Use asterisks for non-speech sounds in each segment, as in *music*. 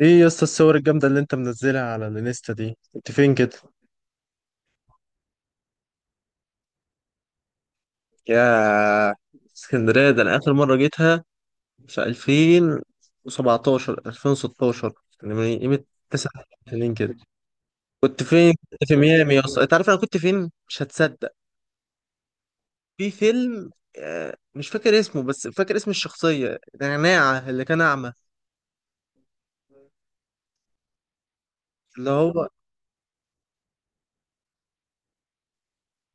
ايه يا اسطى، الصور الجامدة اللي انت منزلها على الانستا دي، انت فين كده؟ يا. اسكندرية ده أنا آخر مرة جيتها في 2017 2016، يعني من قيمة 9 سنين كده. كنت فين؟ كنت في ميامي يا اسطى. أنت عارف أنا كنت فين؟ مش هتصدق، في فيلم. مش فاكر اسمه، بس فاكر اسم الشخصية نعناع، اللي كان أعمى. اللي هو،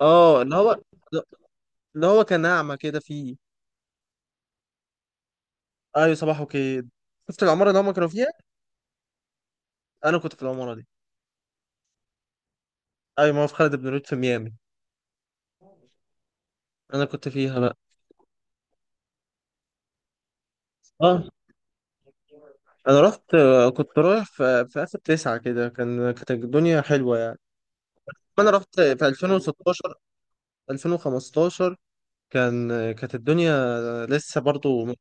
اللي هو، اللي هو كان أعمى كده فيه. أيوة، صباح وكيد. شفت العمارة اللي هما كانوا فيها؟ أنا كنت في العمارة دي. ايوه، ما هو في خالد بن الوليد، في ميامي. انا كنت فيها بقى. اه. انا رحت، كنت رايح في اخر تسعة كده، كانت الدنيا حلوة يعني. انا رحت في 2016 2015. كانت الدنيا لسه برضو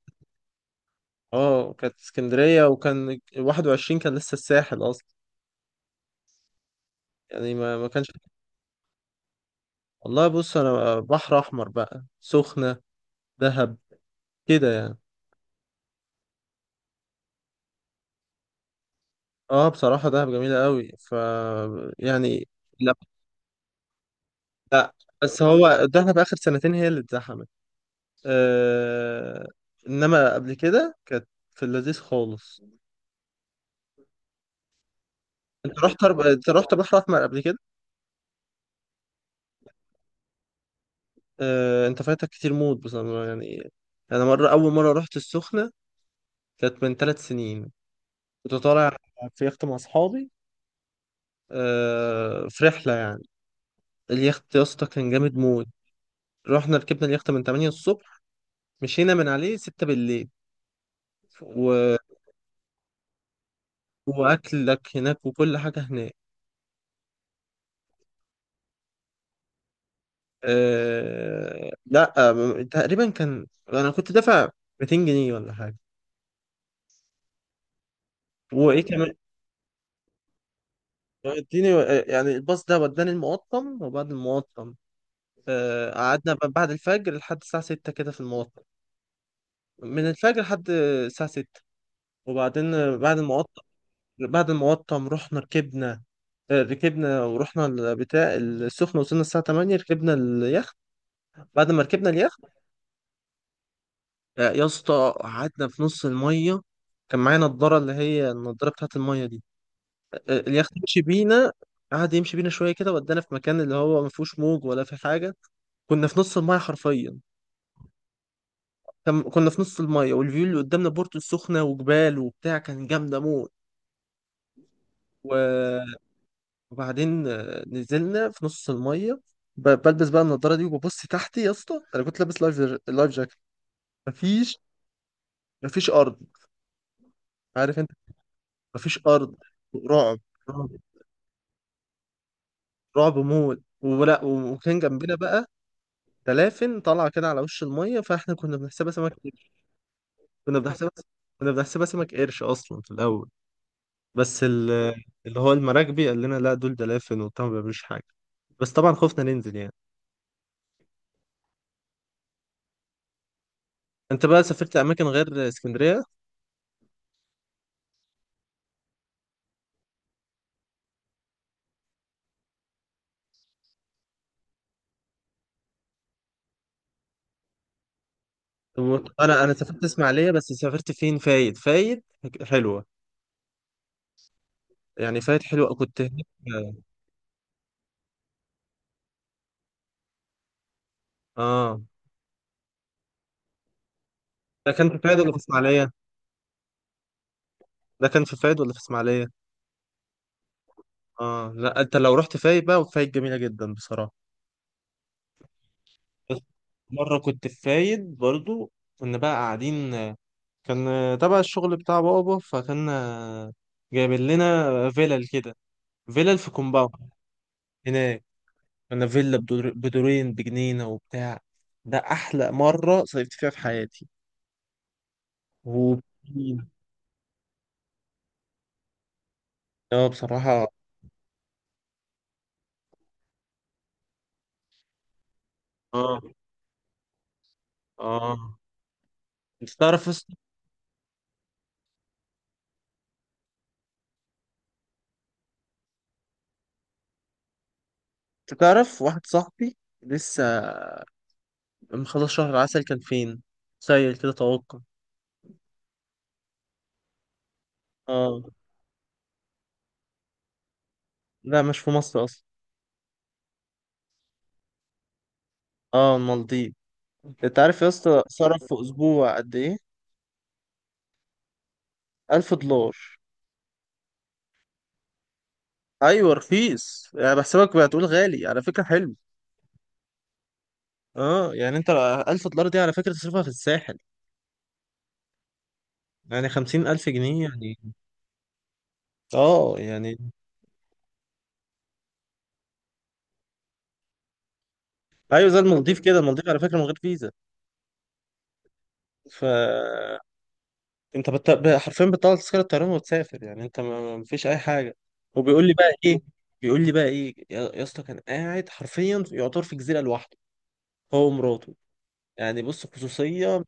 اه كانت اسكندرية، وكان 21، كان لسه الساحل اصلا يعني، ما كانش. والله بص، انا بحر احمر بقى، سخنة، دهب، كده يعني. اه بصراحة دهب جميلة قوي، ف يعني، بس هو الدخله في اخر سنتين هي اللي اتزحمت. آه، انما قبل كده كانت في اللذيذ خالص. انت رحت بحر احمر قبل كده؟ آه انت فايتك كتير موت بصراحه يعني. انا مره اول مره رحت السخنه كانت من 3 سنين. كنت طالع في يخت مع اصحابي، آه في رحله يعني. اليخت يا اسطى كان جامد موت. رحنا ركبنا اليخت من 8 الصبح، مشينا من عليه 6 بالليل و... واكلك هناك وكل حاجه هناك. آه لا آه، تقريبا كان انا كنت دافع 200 جنيه ولا حاجه. وايه كمان، اديني، يعني الباص ده وداني المقطم، وبعد المقطم قعدنا بعد الفجر لحد الساعه 6 كده في المقطم. من الفجر لحد الساعه 6. وبعدين بعد المقطم، رحنا ركبنا، ركبنا ورحنا البتاع السخنة. وصلنا الساعة 8، ركبنا اليخت. بعد ما ركبنا اليخت، يا اسطى، قعدنا في نص المية. كان معايا نضارة، اللي هي النضارة بتاعت المية دي. اليخت يمشي بينا، قعد يمشي بينا شويه كده، ودانا في مكان اللي هو ما فيهوش موج ولا في حاجه. كنا في نص المايه حرفيا. كنا في نص المايه، والفيو اللي قدامنا بورتو السخنه وجبال وبتاع، كان جامده موت و- وبعدين نزلنا في نص المايه. بلبس بقى النضاره دي، وببص تحتي يا اسطى. انا كنت لابس لايف لايف جاكيت. مفيش مفيش ارض. عارف انت؟ مفيش ارض. رعب، رعب رعب موت ولا. وكان جنبنا بقى دلافن طالعه كده على وش الميه، فاحنا كنا بنحسبها سمك. كنا بنحسبها كنا بنحسبها سمك قرش اصلا في الاول. بس ال- اللي هو المراكبي قال لنا لا، دول دلافين وبتاع ما بيعملوش حاجه. بس طبعا خفنا ننزل يعني. انت بقى سافرت اماكن غير اسكندريه؟ انا سافرت اسماعيليه، بس سافرت فين، فايد. فايد حلوه يعني، فايد حلوه، كنت هناك. اه. ده كان في فايد ولا في اسماعيليه ده كان في فايد ولا في اسماعيليه اه لا، انت لو رحت فايد بقى، وفايد جميله جدا بصراحه. بس مرة كنت في فايد برضو، كنا بقى قاعدين. كان تبع الشغل بتاع بابا، فكان جايبين لنا فيلل كده، فيلل في كومباوند هناك. كنا فيلا بدورين بجنينة وبتاع. ده أحلى مرة صيفت فيها في حياتي، وبجنينة. اه بصراحة. اه اه. انت تعرف اس- انت تعرف واحد صاحبي لسه مخلص شهر العسل، كان فين؟ سيل كده توقع. اه لا، مش في مصر أصلا. اه المالديف. انت عارف يا اسطى صرف في اسبوع قد ايه؟ 1000 دولار. ايوه رخيص، يعني بحسبك بتقول غالي على فكره، حلو. اه يعني انت، 1000 دولار دي على فكره تصرفها في الساحل. يعني 50,000 جنيه يعني. اه يعني، ايوه زي المالديف كده، المالديف على فكره من غير فيزا. ف انت حرفيا بتطلع تذكره طيران وتسافر يعني. انت ما فيش اي حاجه. وبيقول لي بقى ايه بيقول لي بقى ايه يا اسطى، كان قاعد حرفيا يعتبر في جزيره لوحده، هو ومراته. يعني بص، خصوصيه.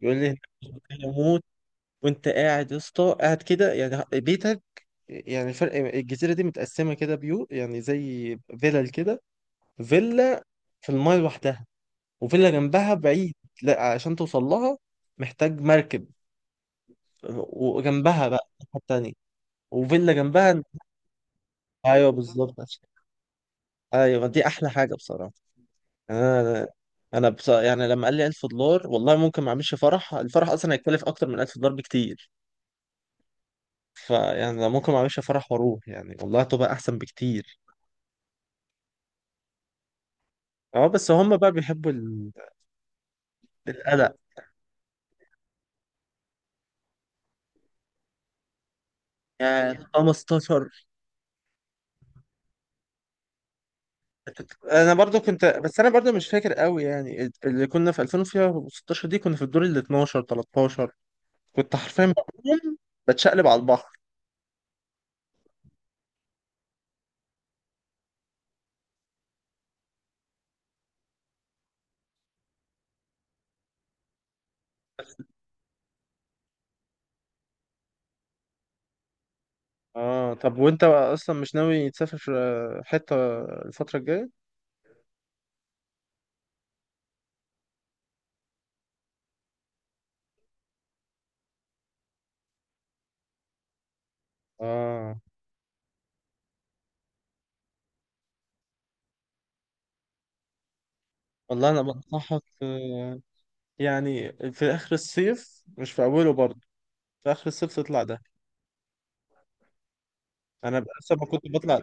يقول لي هناك مستحيل اموت. وانت قاعد يا اسطى، قاعد كده يعني بيتك. يعني فرق الجزيره دي متقسمه كده بيو، يعني زي فيلل كده، فيلا في المايه لوحدها، وفيلا جنبها بعيد. لا عشان توصل لها محتاج مركب. وجنبها بقى الناحية التانية، وفيلا جنبها. ايوه بالظبط. ايوه دي احلى حاجه بصراحه. يعني انا، يعني لما قال لي 1000 دولار، والله ممكن ما اعملش فرح. الفرح اصلا هيكلف اكتر من 1000 دولار بكتير. فيعني لو ممكن ما اعملش فرح واروح يعني، والله تبقى احسن بكتير. اه بس هم بقى بيحبوا القلق. يعني 15. انا برضو كنت، بس انا برضو مش فاكر قوي يعني. اللي كنا في 2016 دي كنا في الدور ال 12 13. كنت حرفيا *laughs* بقوم بتشقلب على البحر. اه طب، وانت بقى اصلا مش ناوي تسافر حتة الفترة الجاية؟ اه والله، انا بنصحك، يعني في اخر الصيف مش في اوله برضو، في اخر الصيف تطلع ده. انا لسه ما كنت بطلع.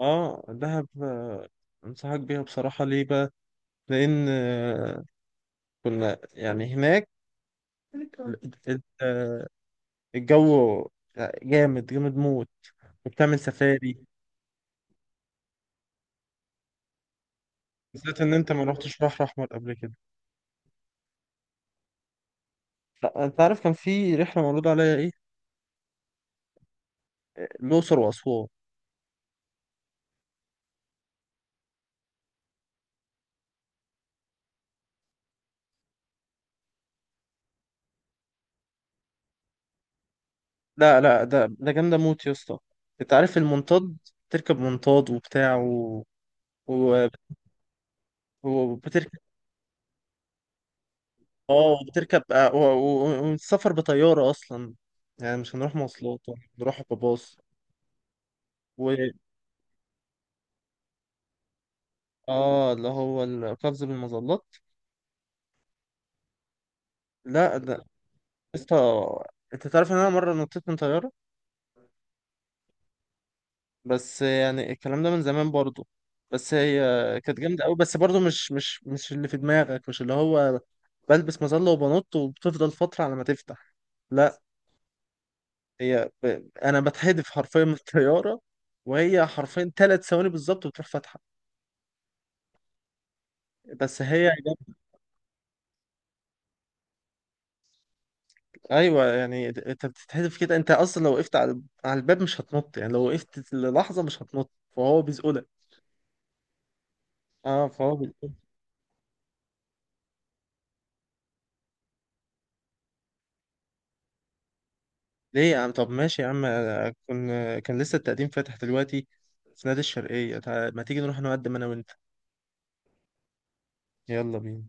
اه دهب، انصحك بيها بصراحة. ليه بقى؟ لان كنا يعني هناك ال- ال- آه، الجو، جامد جامد موت، وبتعمل سفاري. بالذات ان انت ما رحتش بحر احمر قبل كده. لا انت عارف، كان في رحلة معروض عليا ايه؟ الاقصر واسوان. لا لا، ده جامدة موت يا اسطى. انت عارف المنطاد؟ تركب منطاد وبتاع و... وبتركب. اه وبتركب آه، والسفر بطيارة أصلا. يعني مش هنروح مواصلات، هنروح بباص و اه، اللي هو القفز بالمظلات. لا ده لسه. انت تعرف ان انا مرة نطيت من طيارة؟ بس يعني الكلام ده من زمان برضو. بس هي كانت جامدة قوي. بس برضو مش اللي في دماغك، مش اللي هو بلبس مظلة وبنط وبتفضل فترة على ما تفتح. لا. انا بتحدف حرفيا من الطيارة، وهي حرفيا 3 ثواني بالظبط بتروح فاتحة. بس هي، ايوه يعني انت بتتحذف كده. انت اصلا لو وقفت على الباب مش هتنط يعني، لو وقفت للحظه مش هتنط. فهو بيزقلك. اه فهو بيزقلك. ليه يا عم؟ طب ماشي يا عم. كن كان لسه التقديم فاتح دلوقتي في نادي الشرقيه ما تيجي نروح نقدم انا وانت؟ يلا بينا.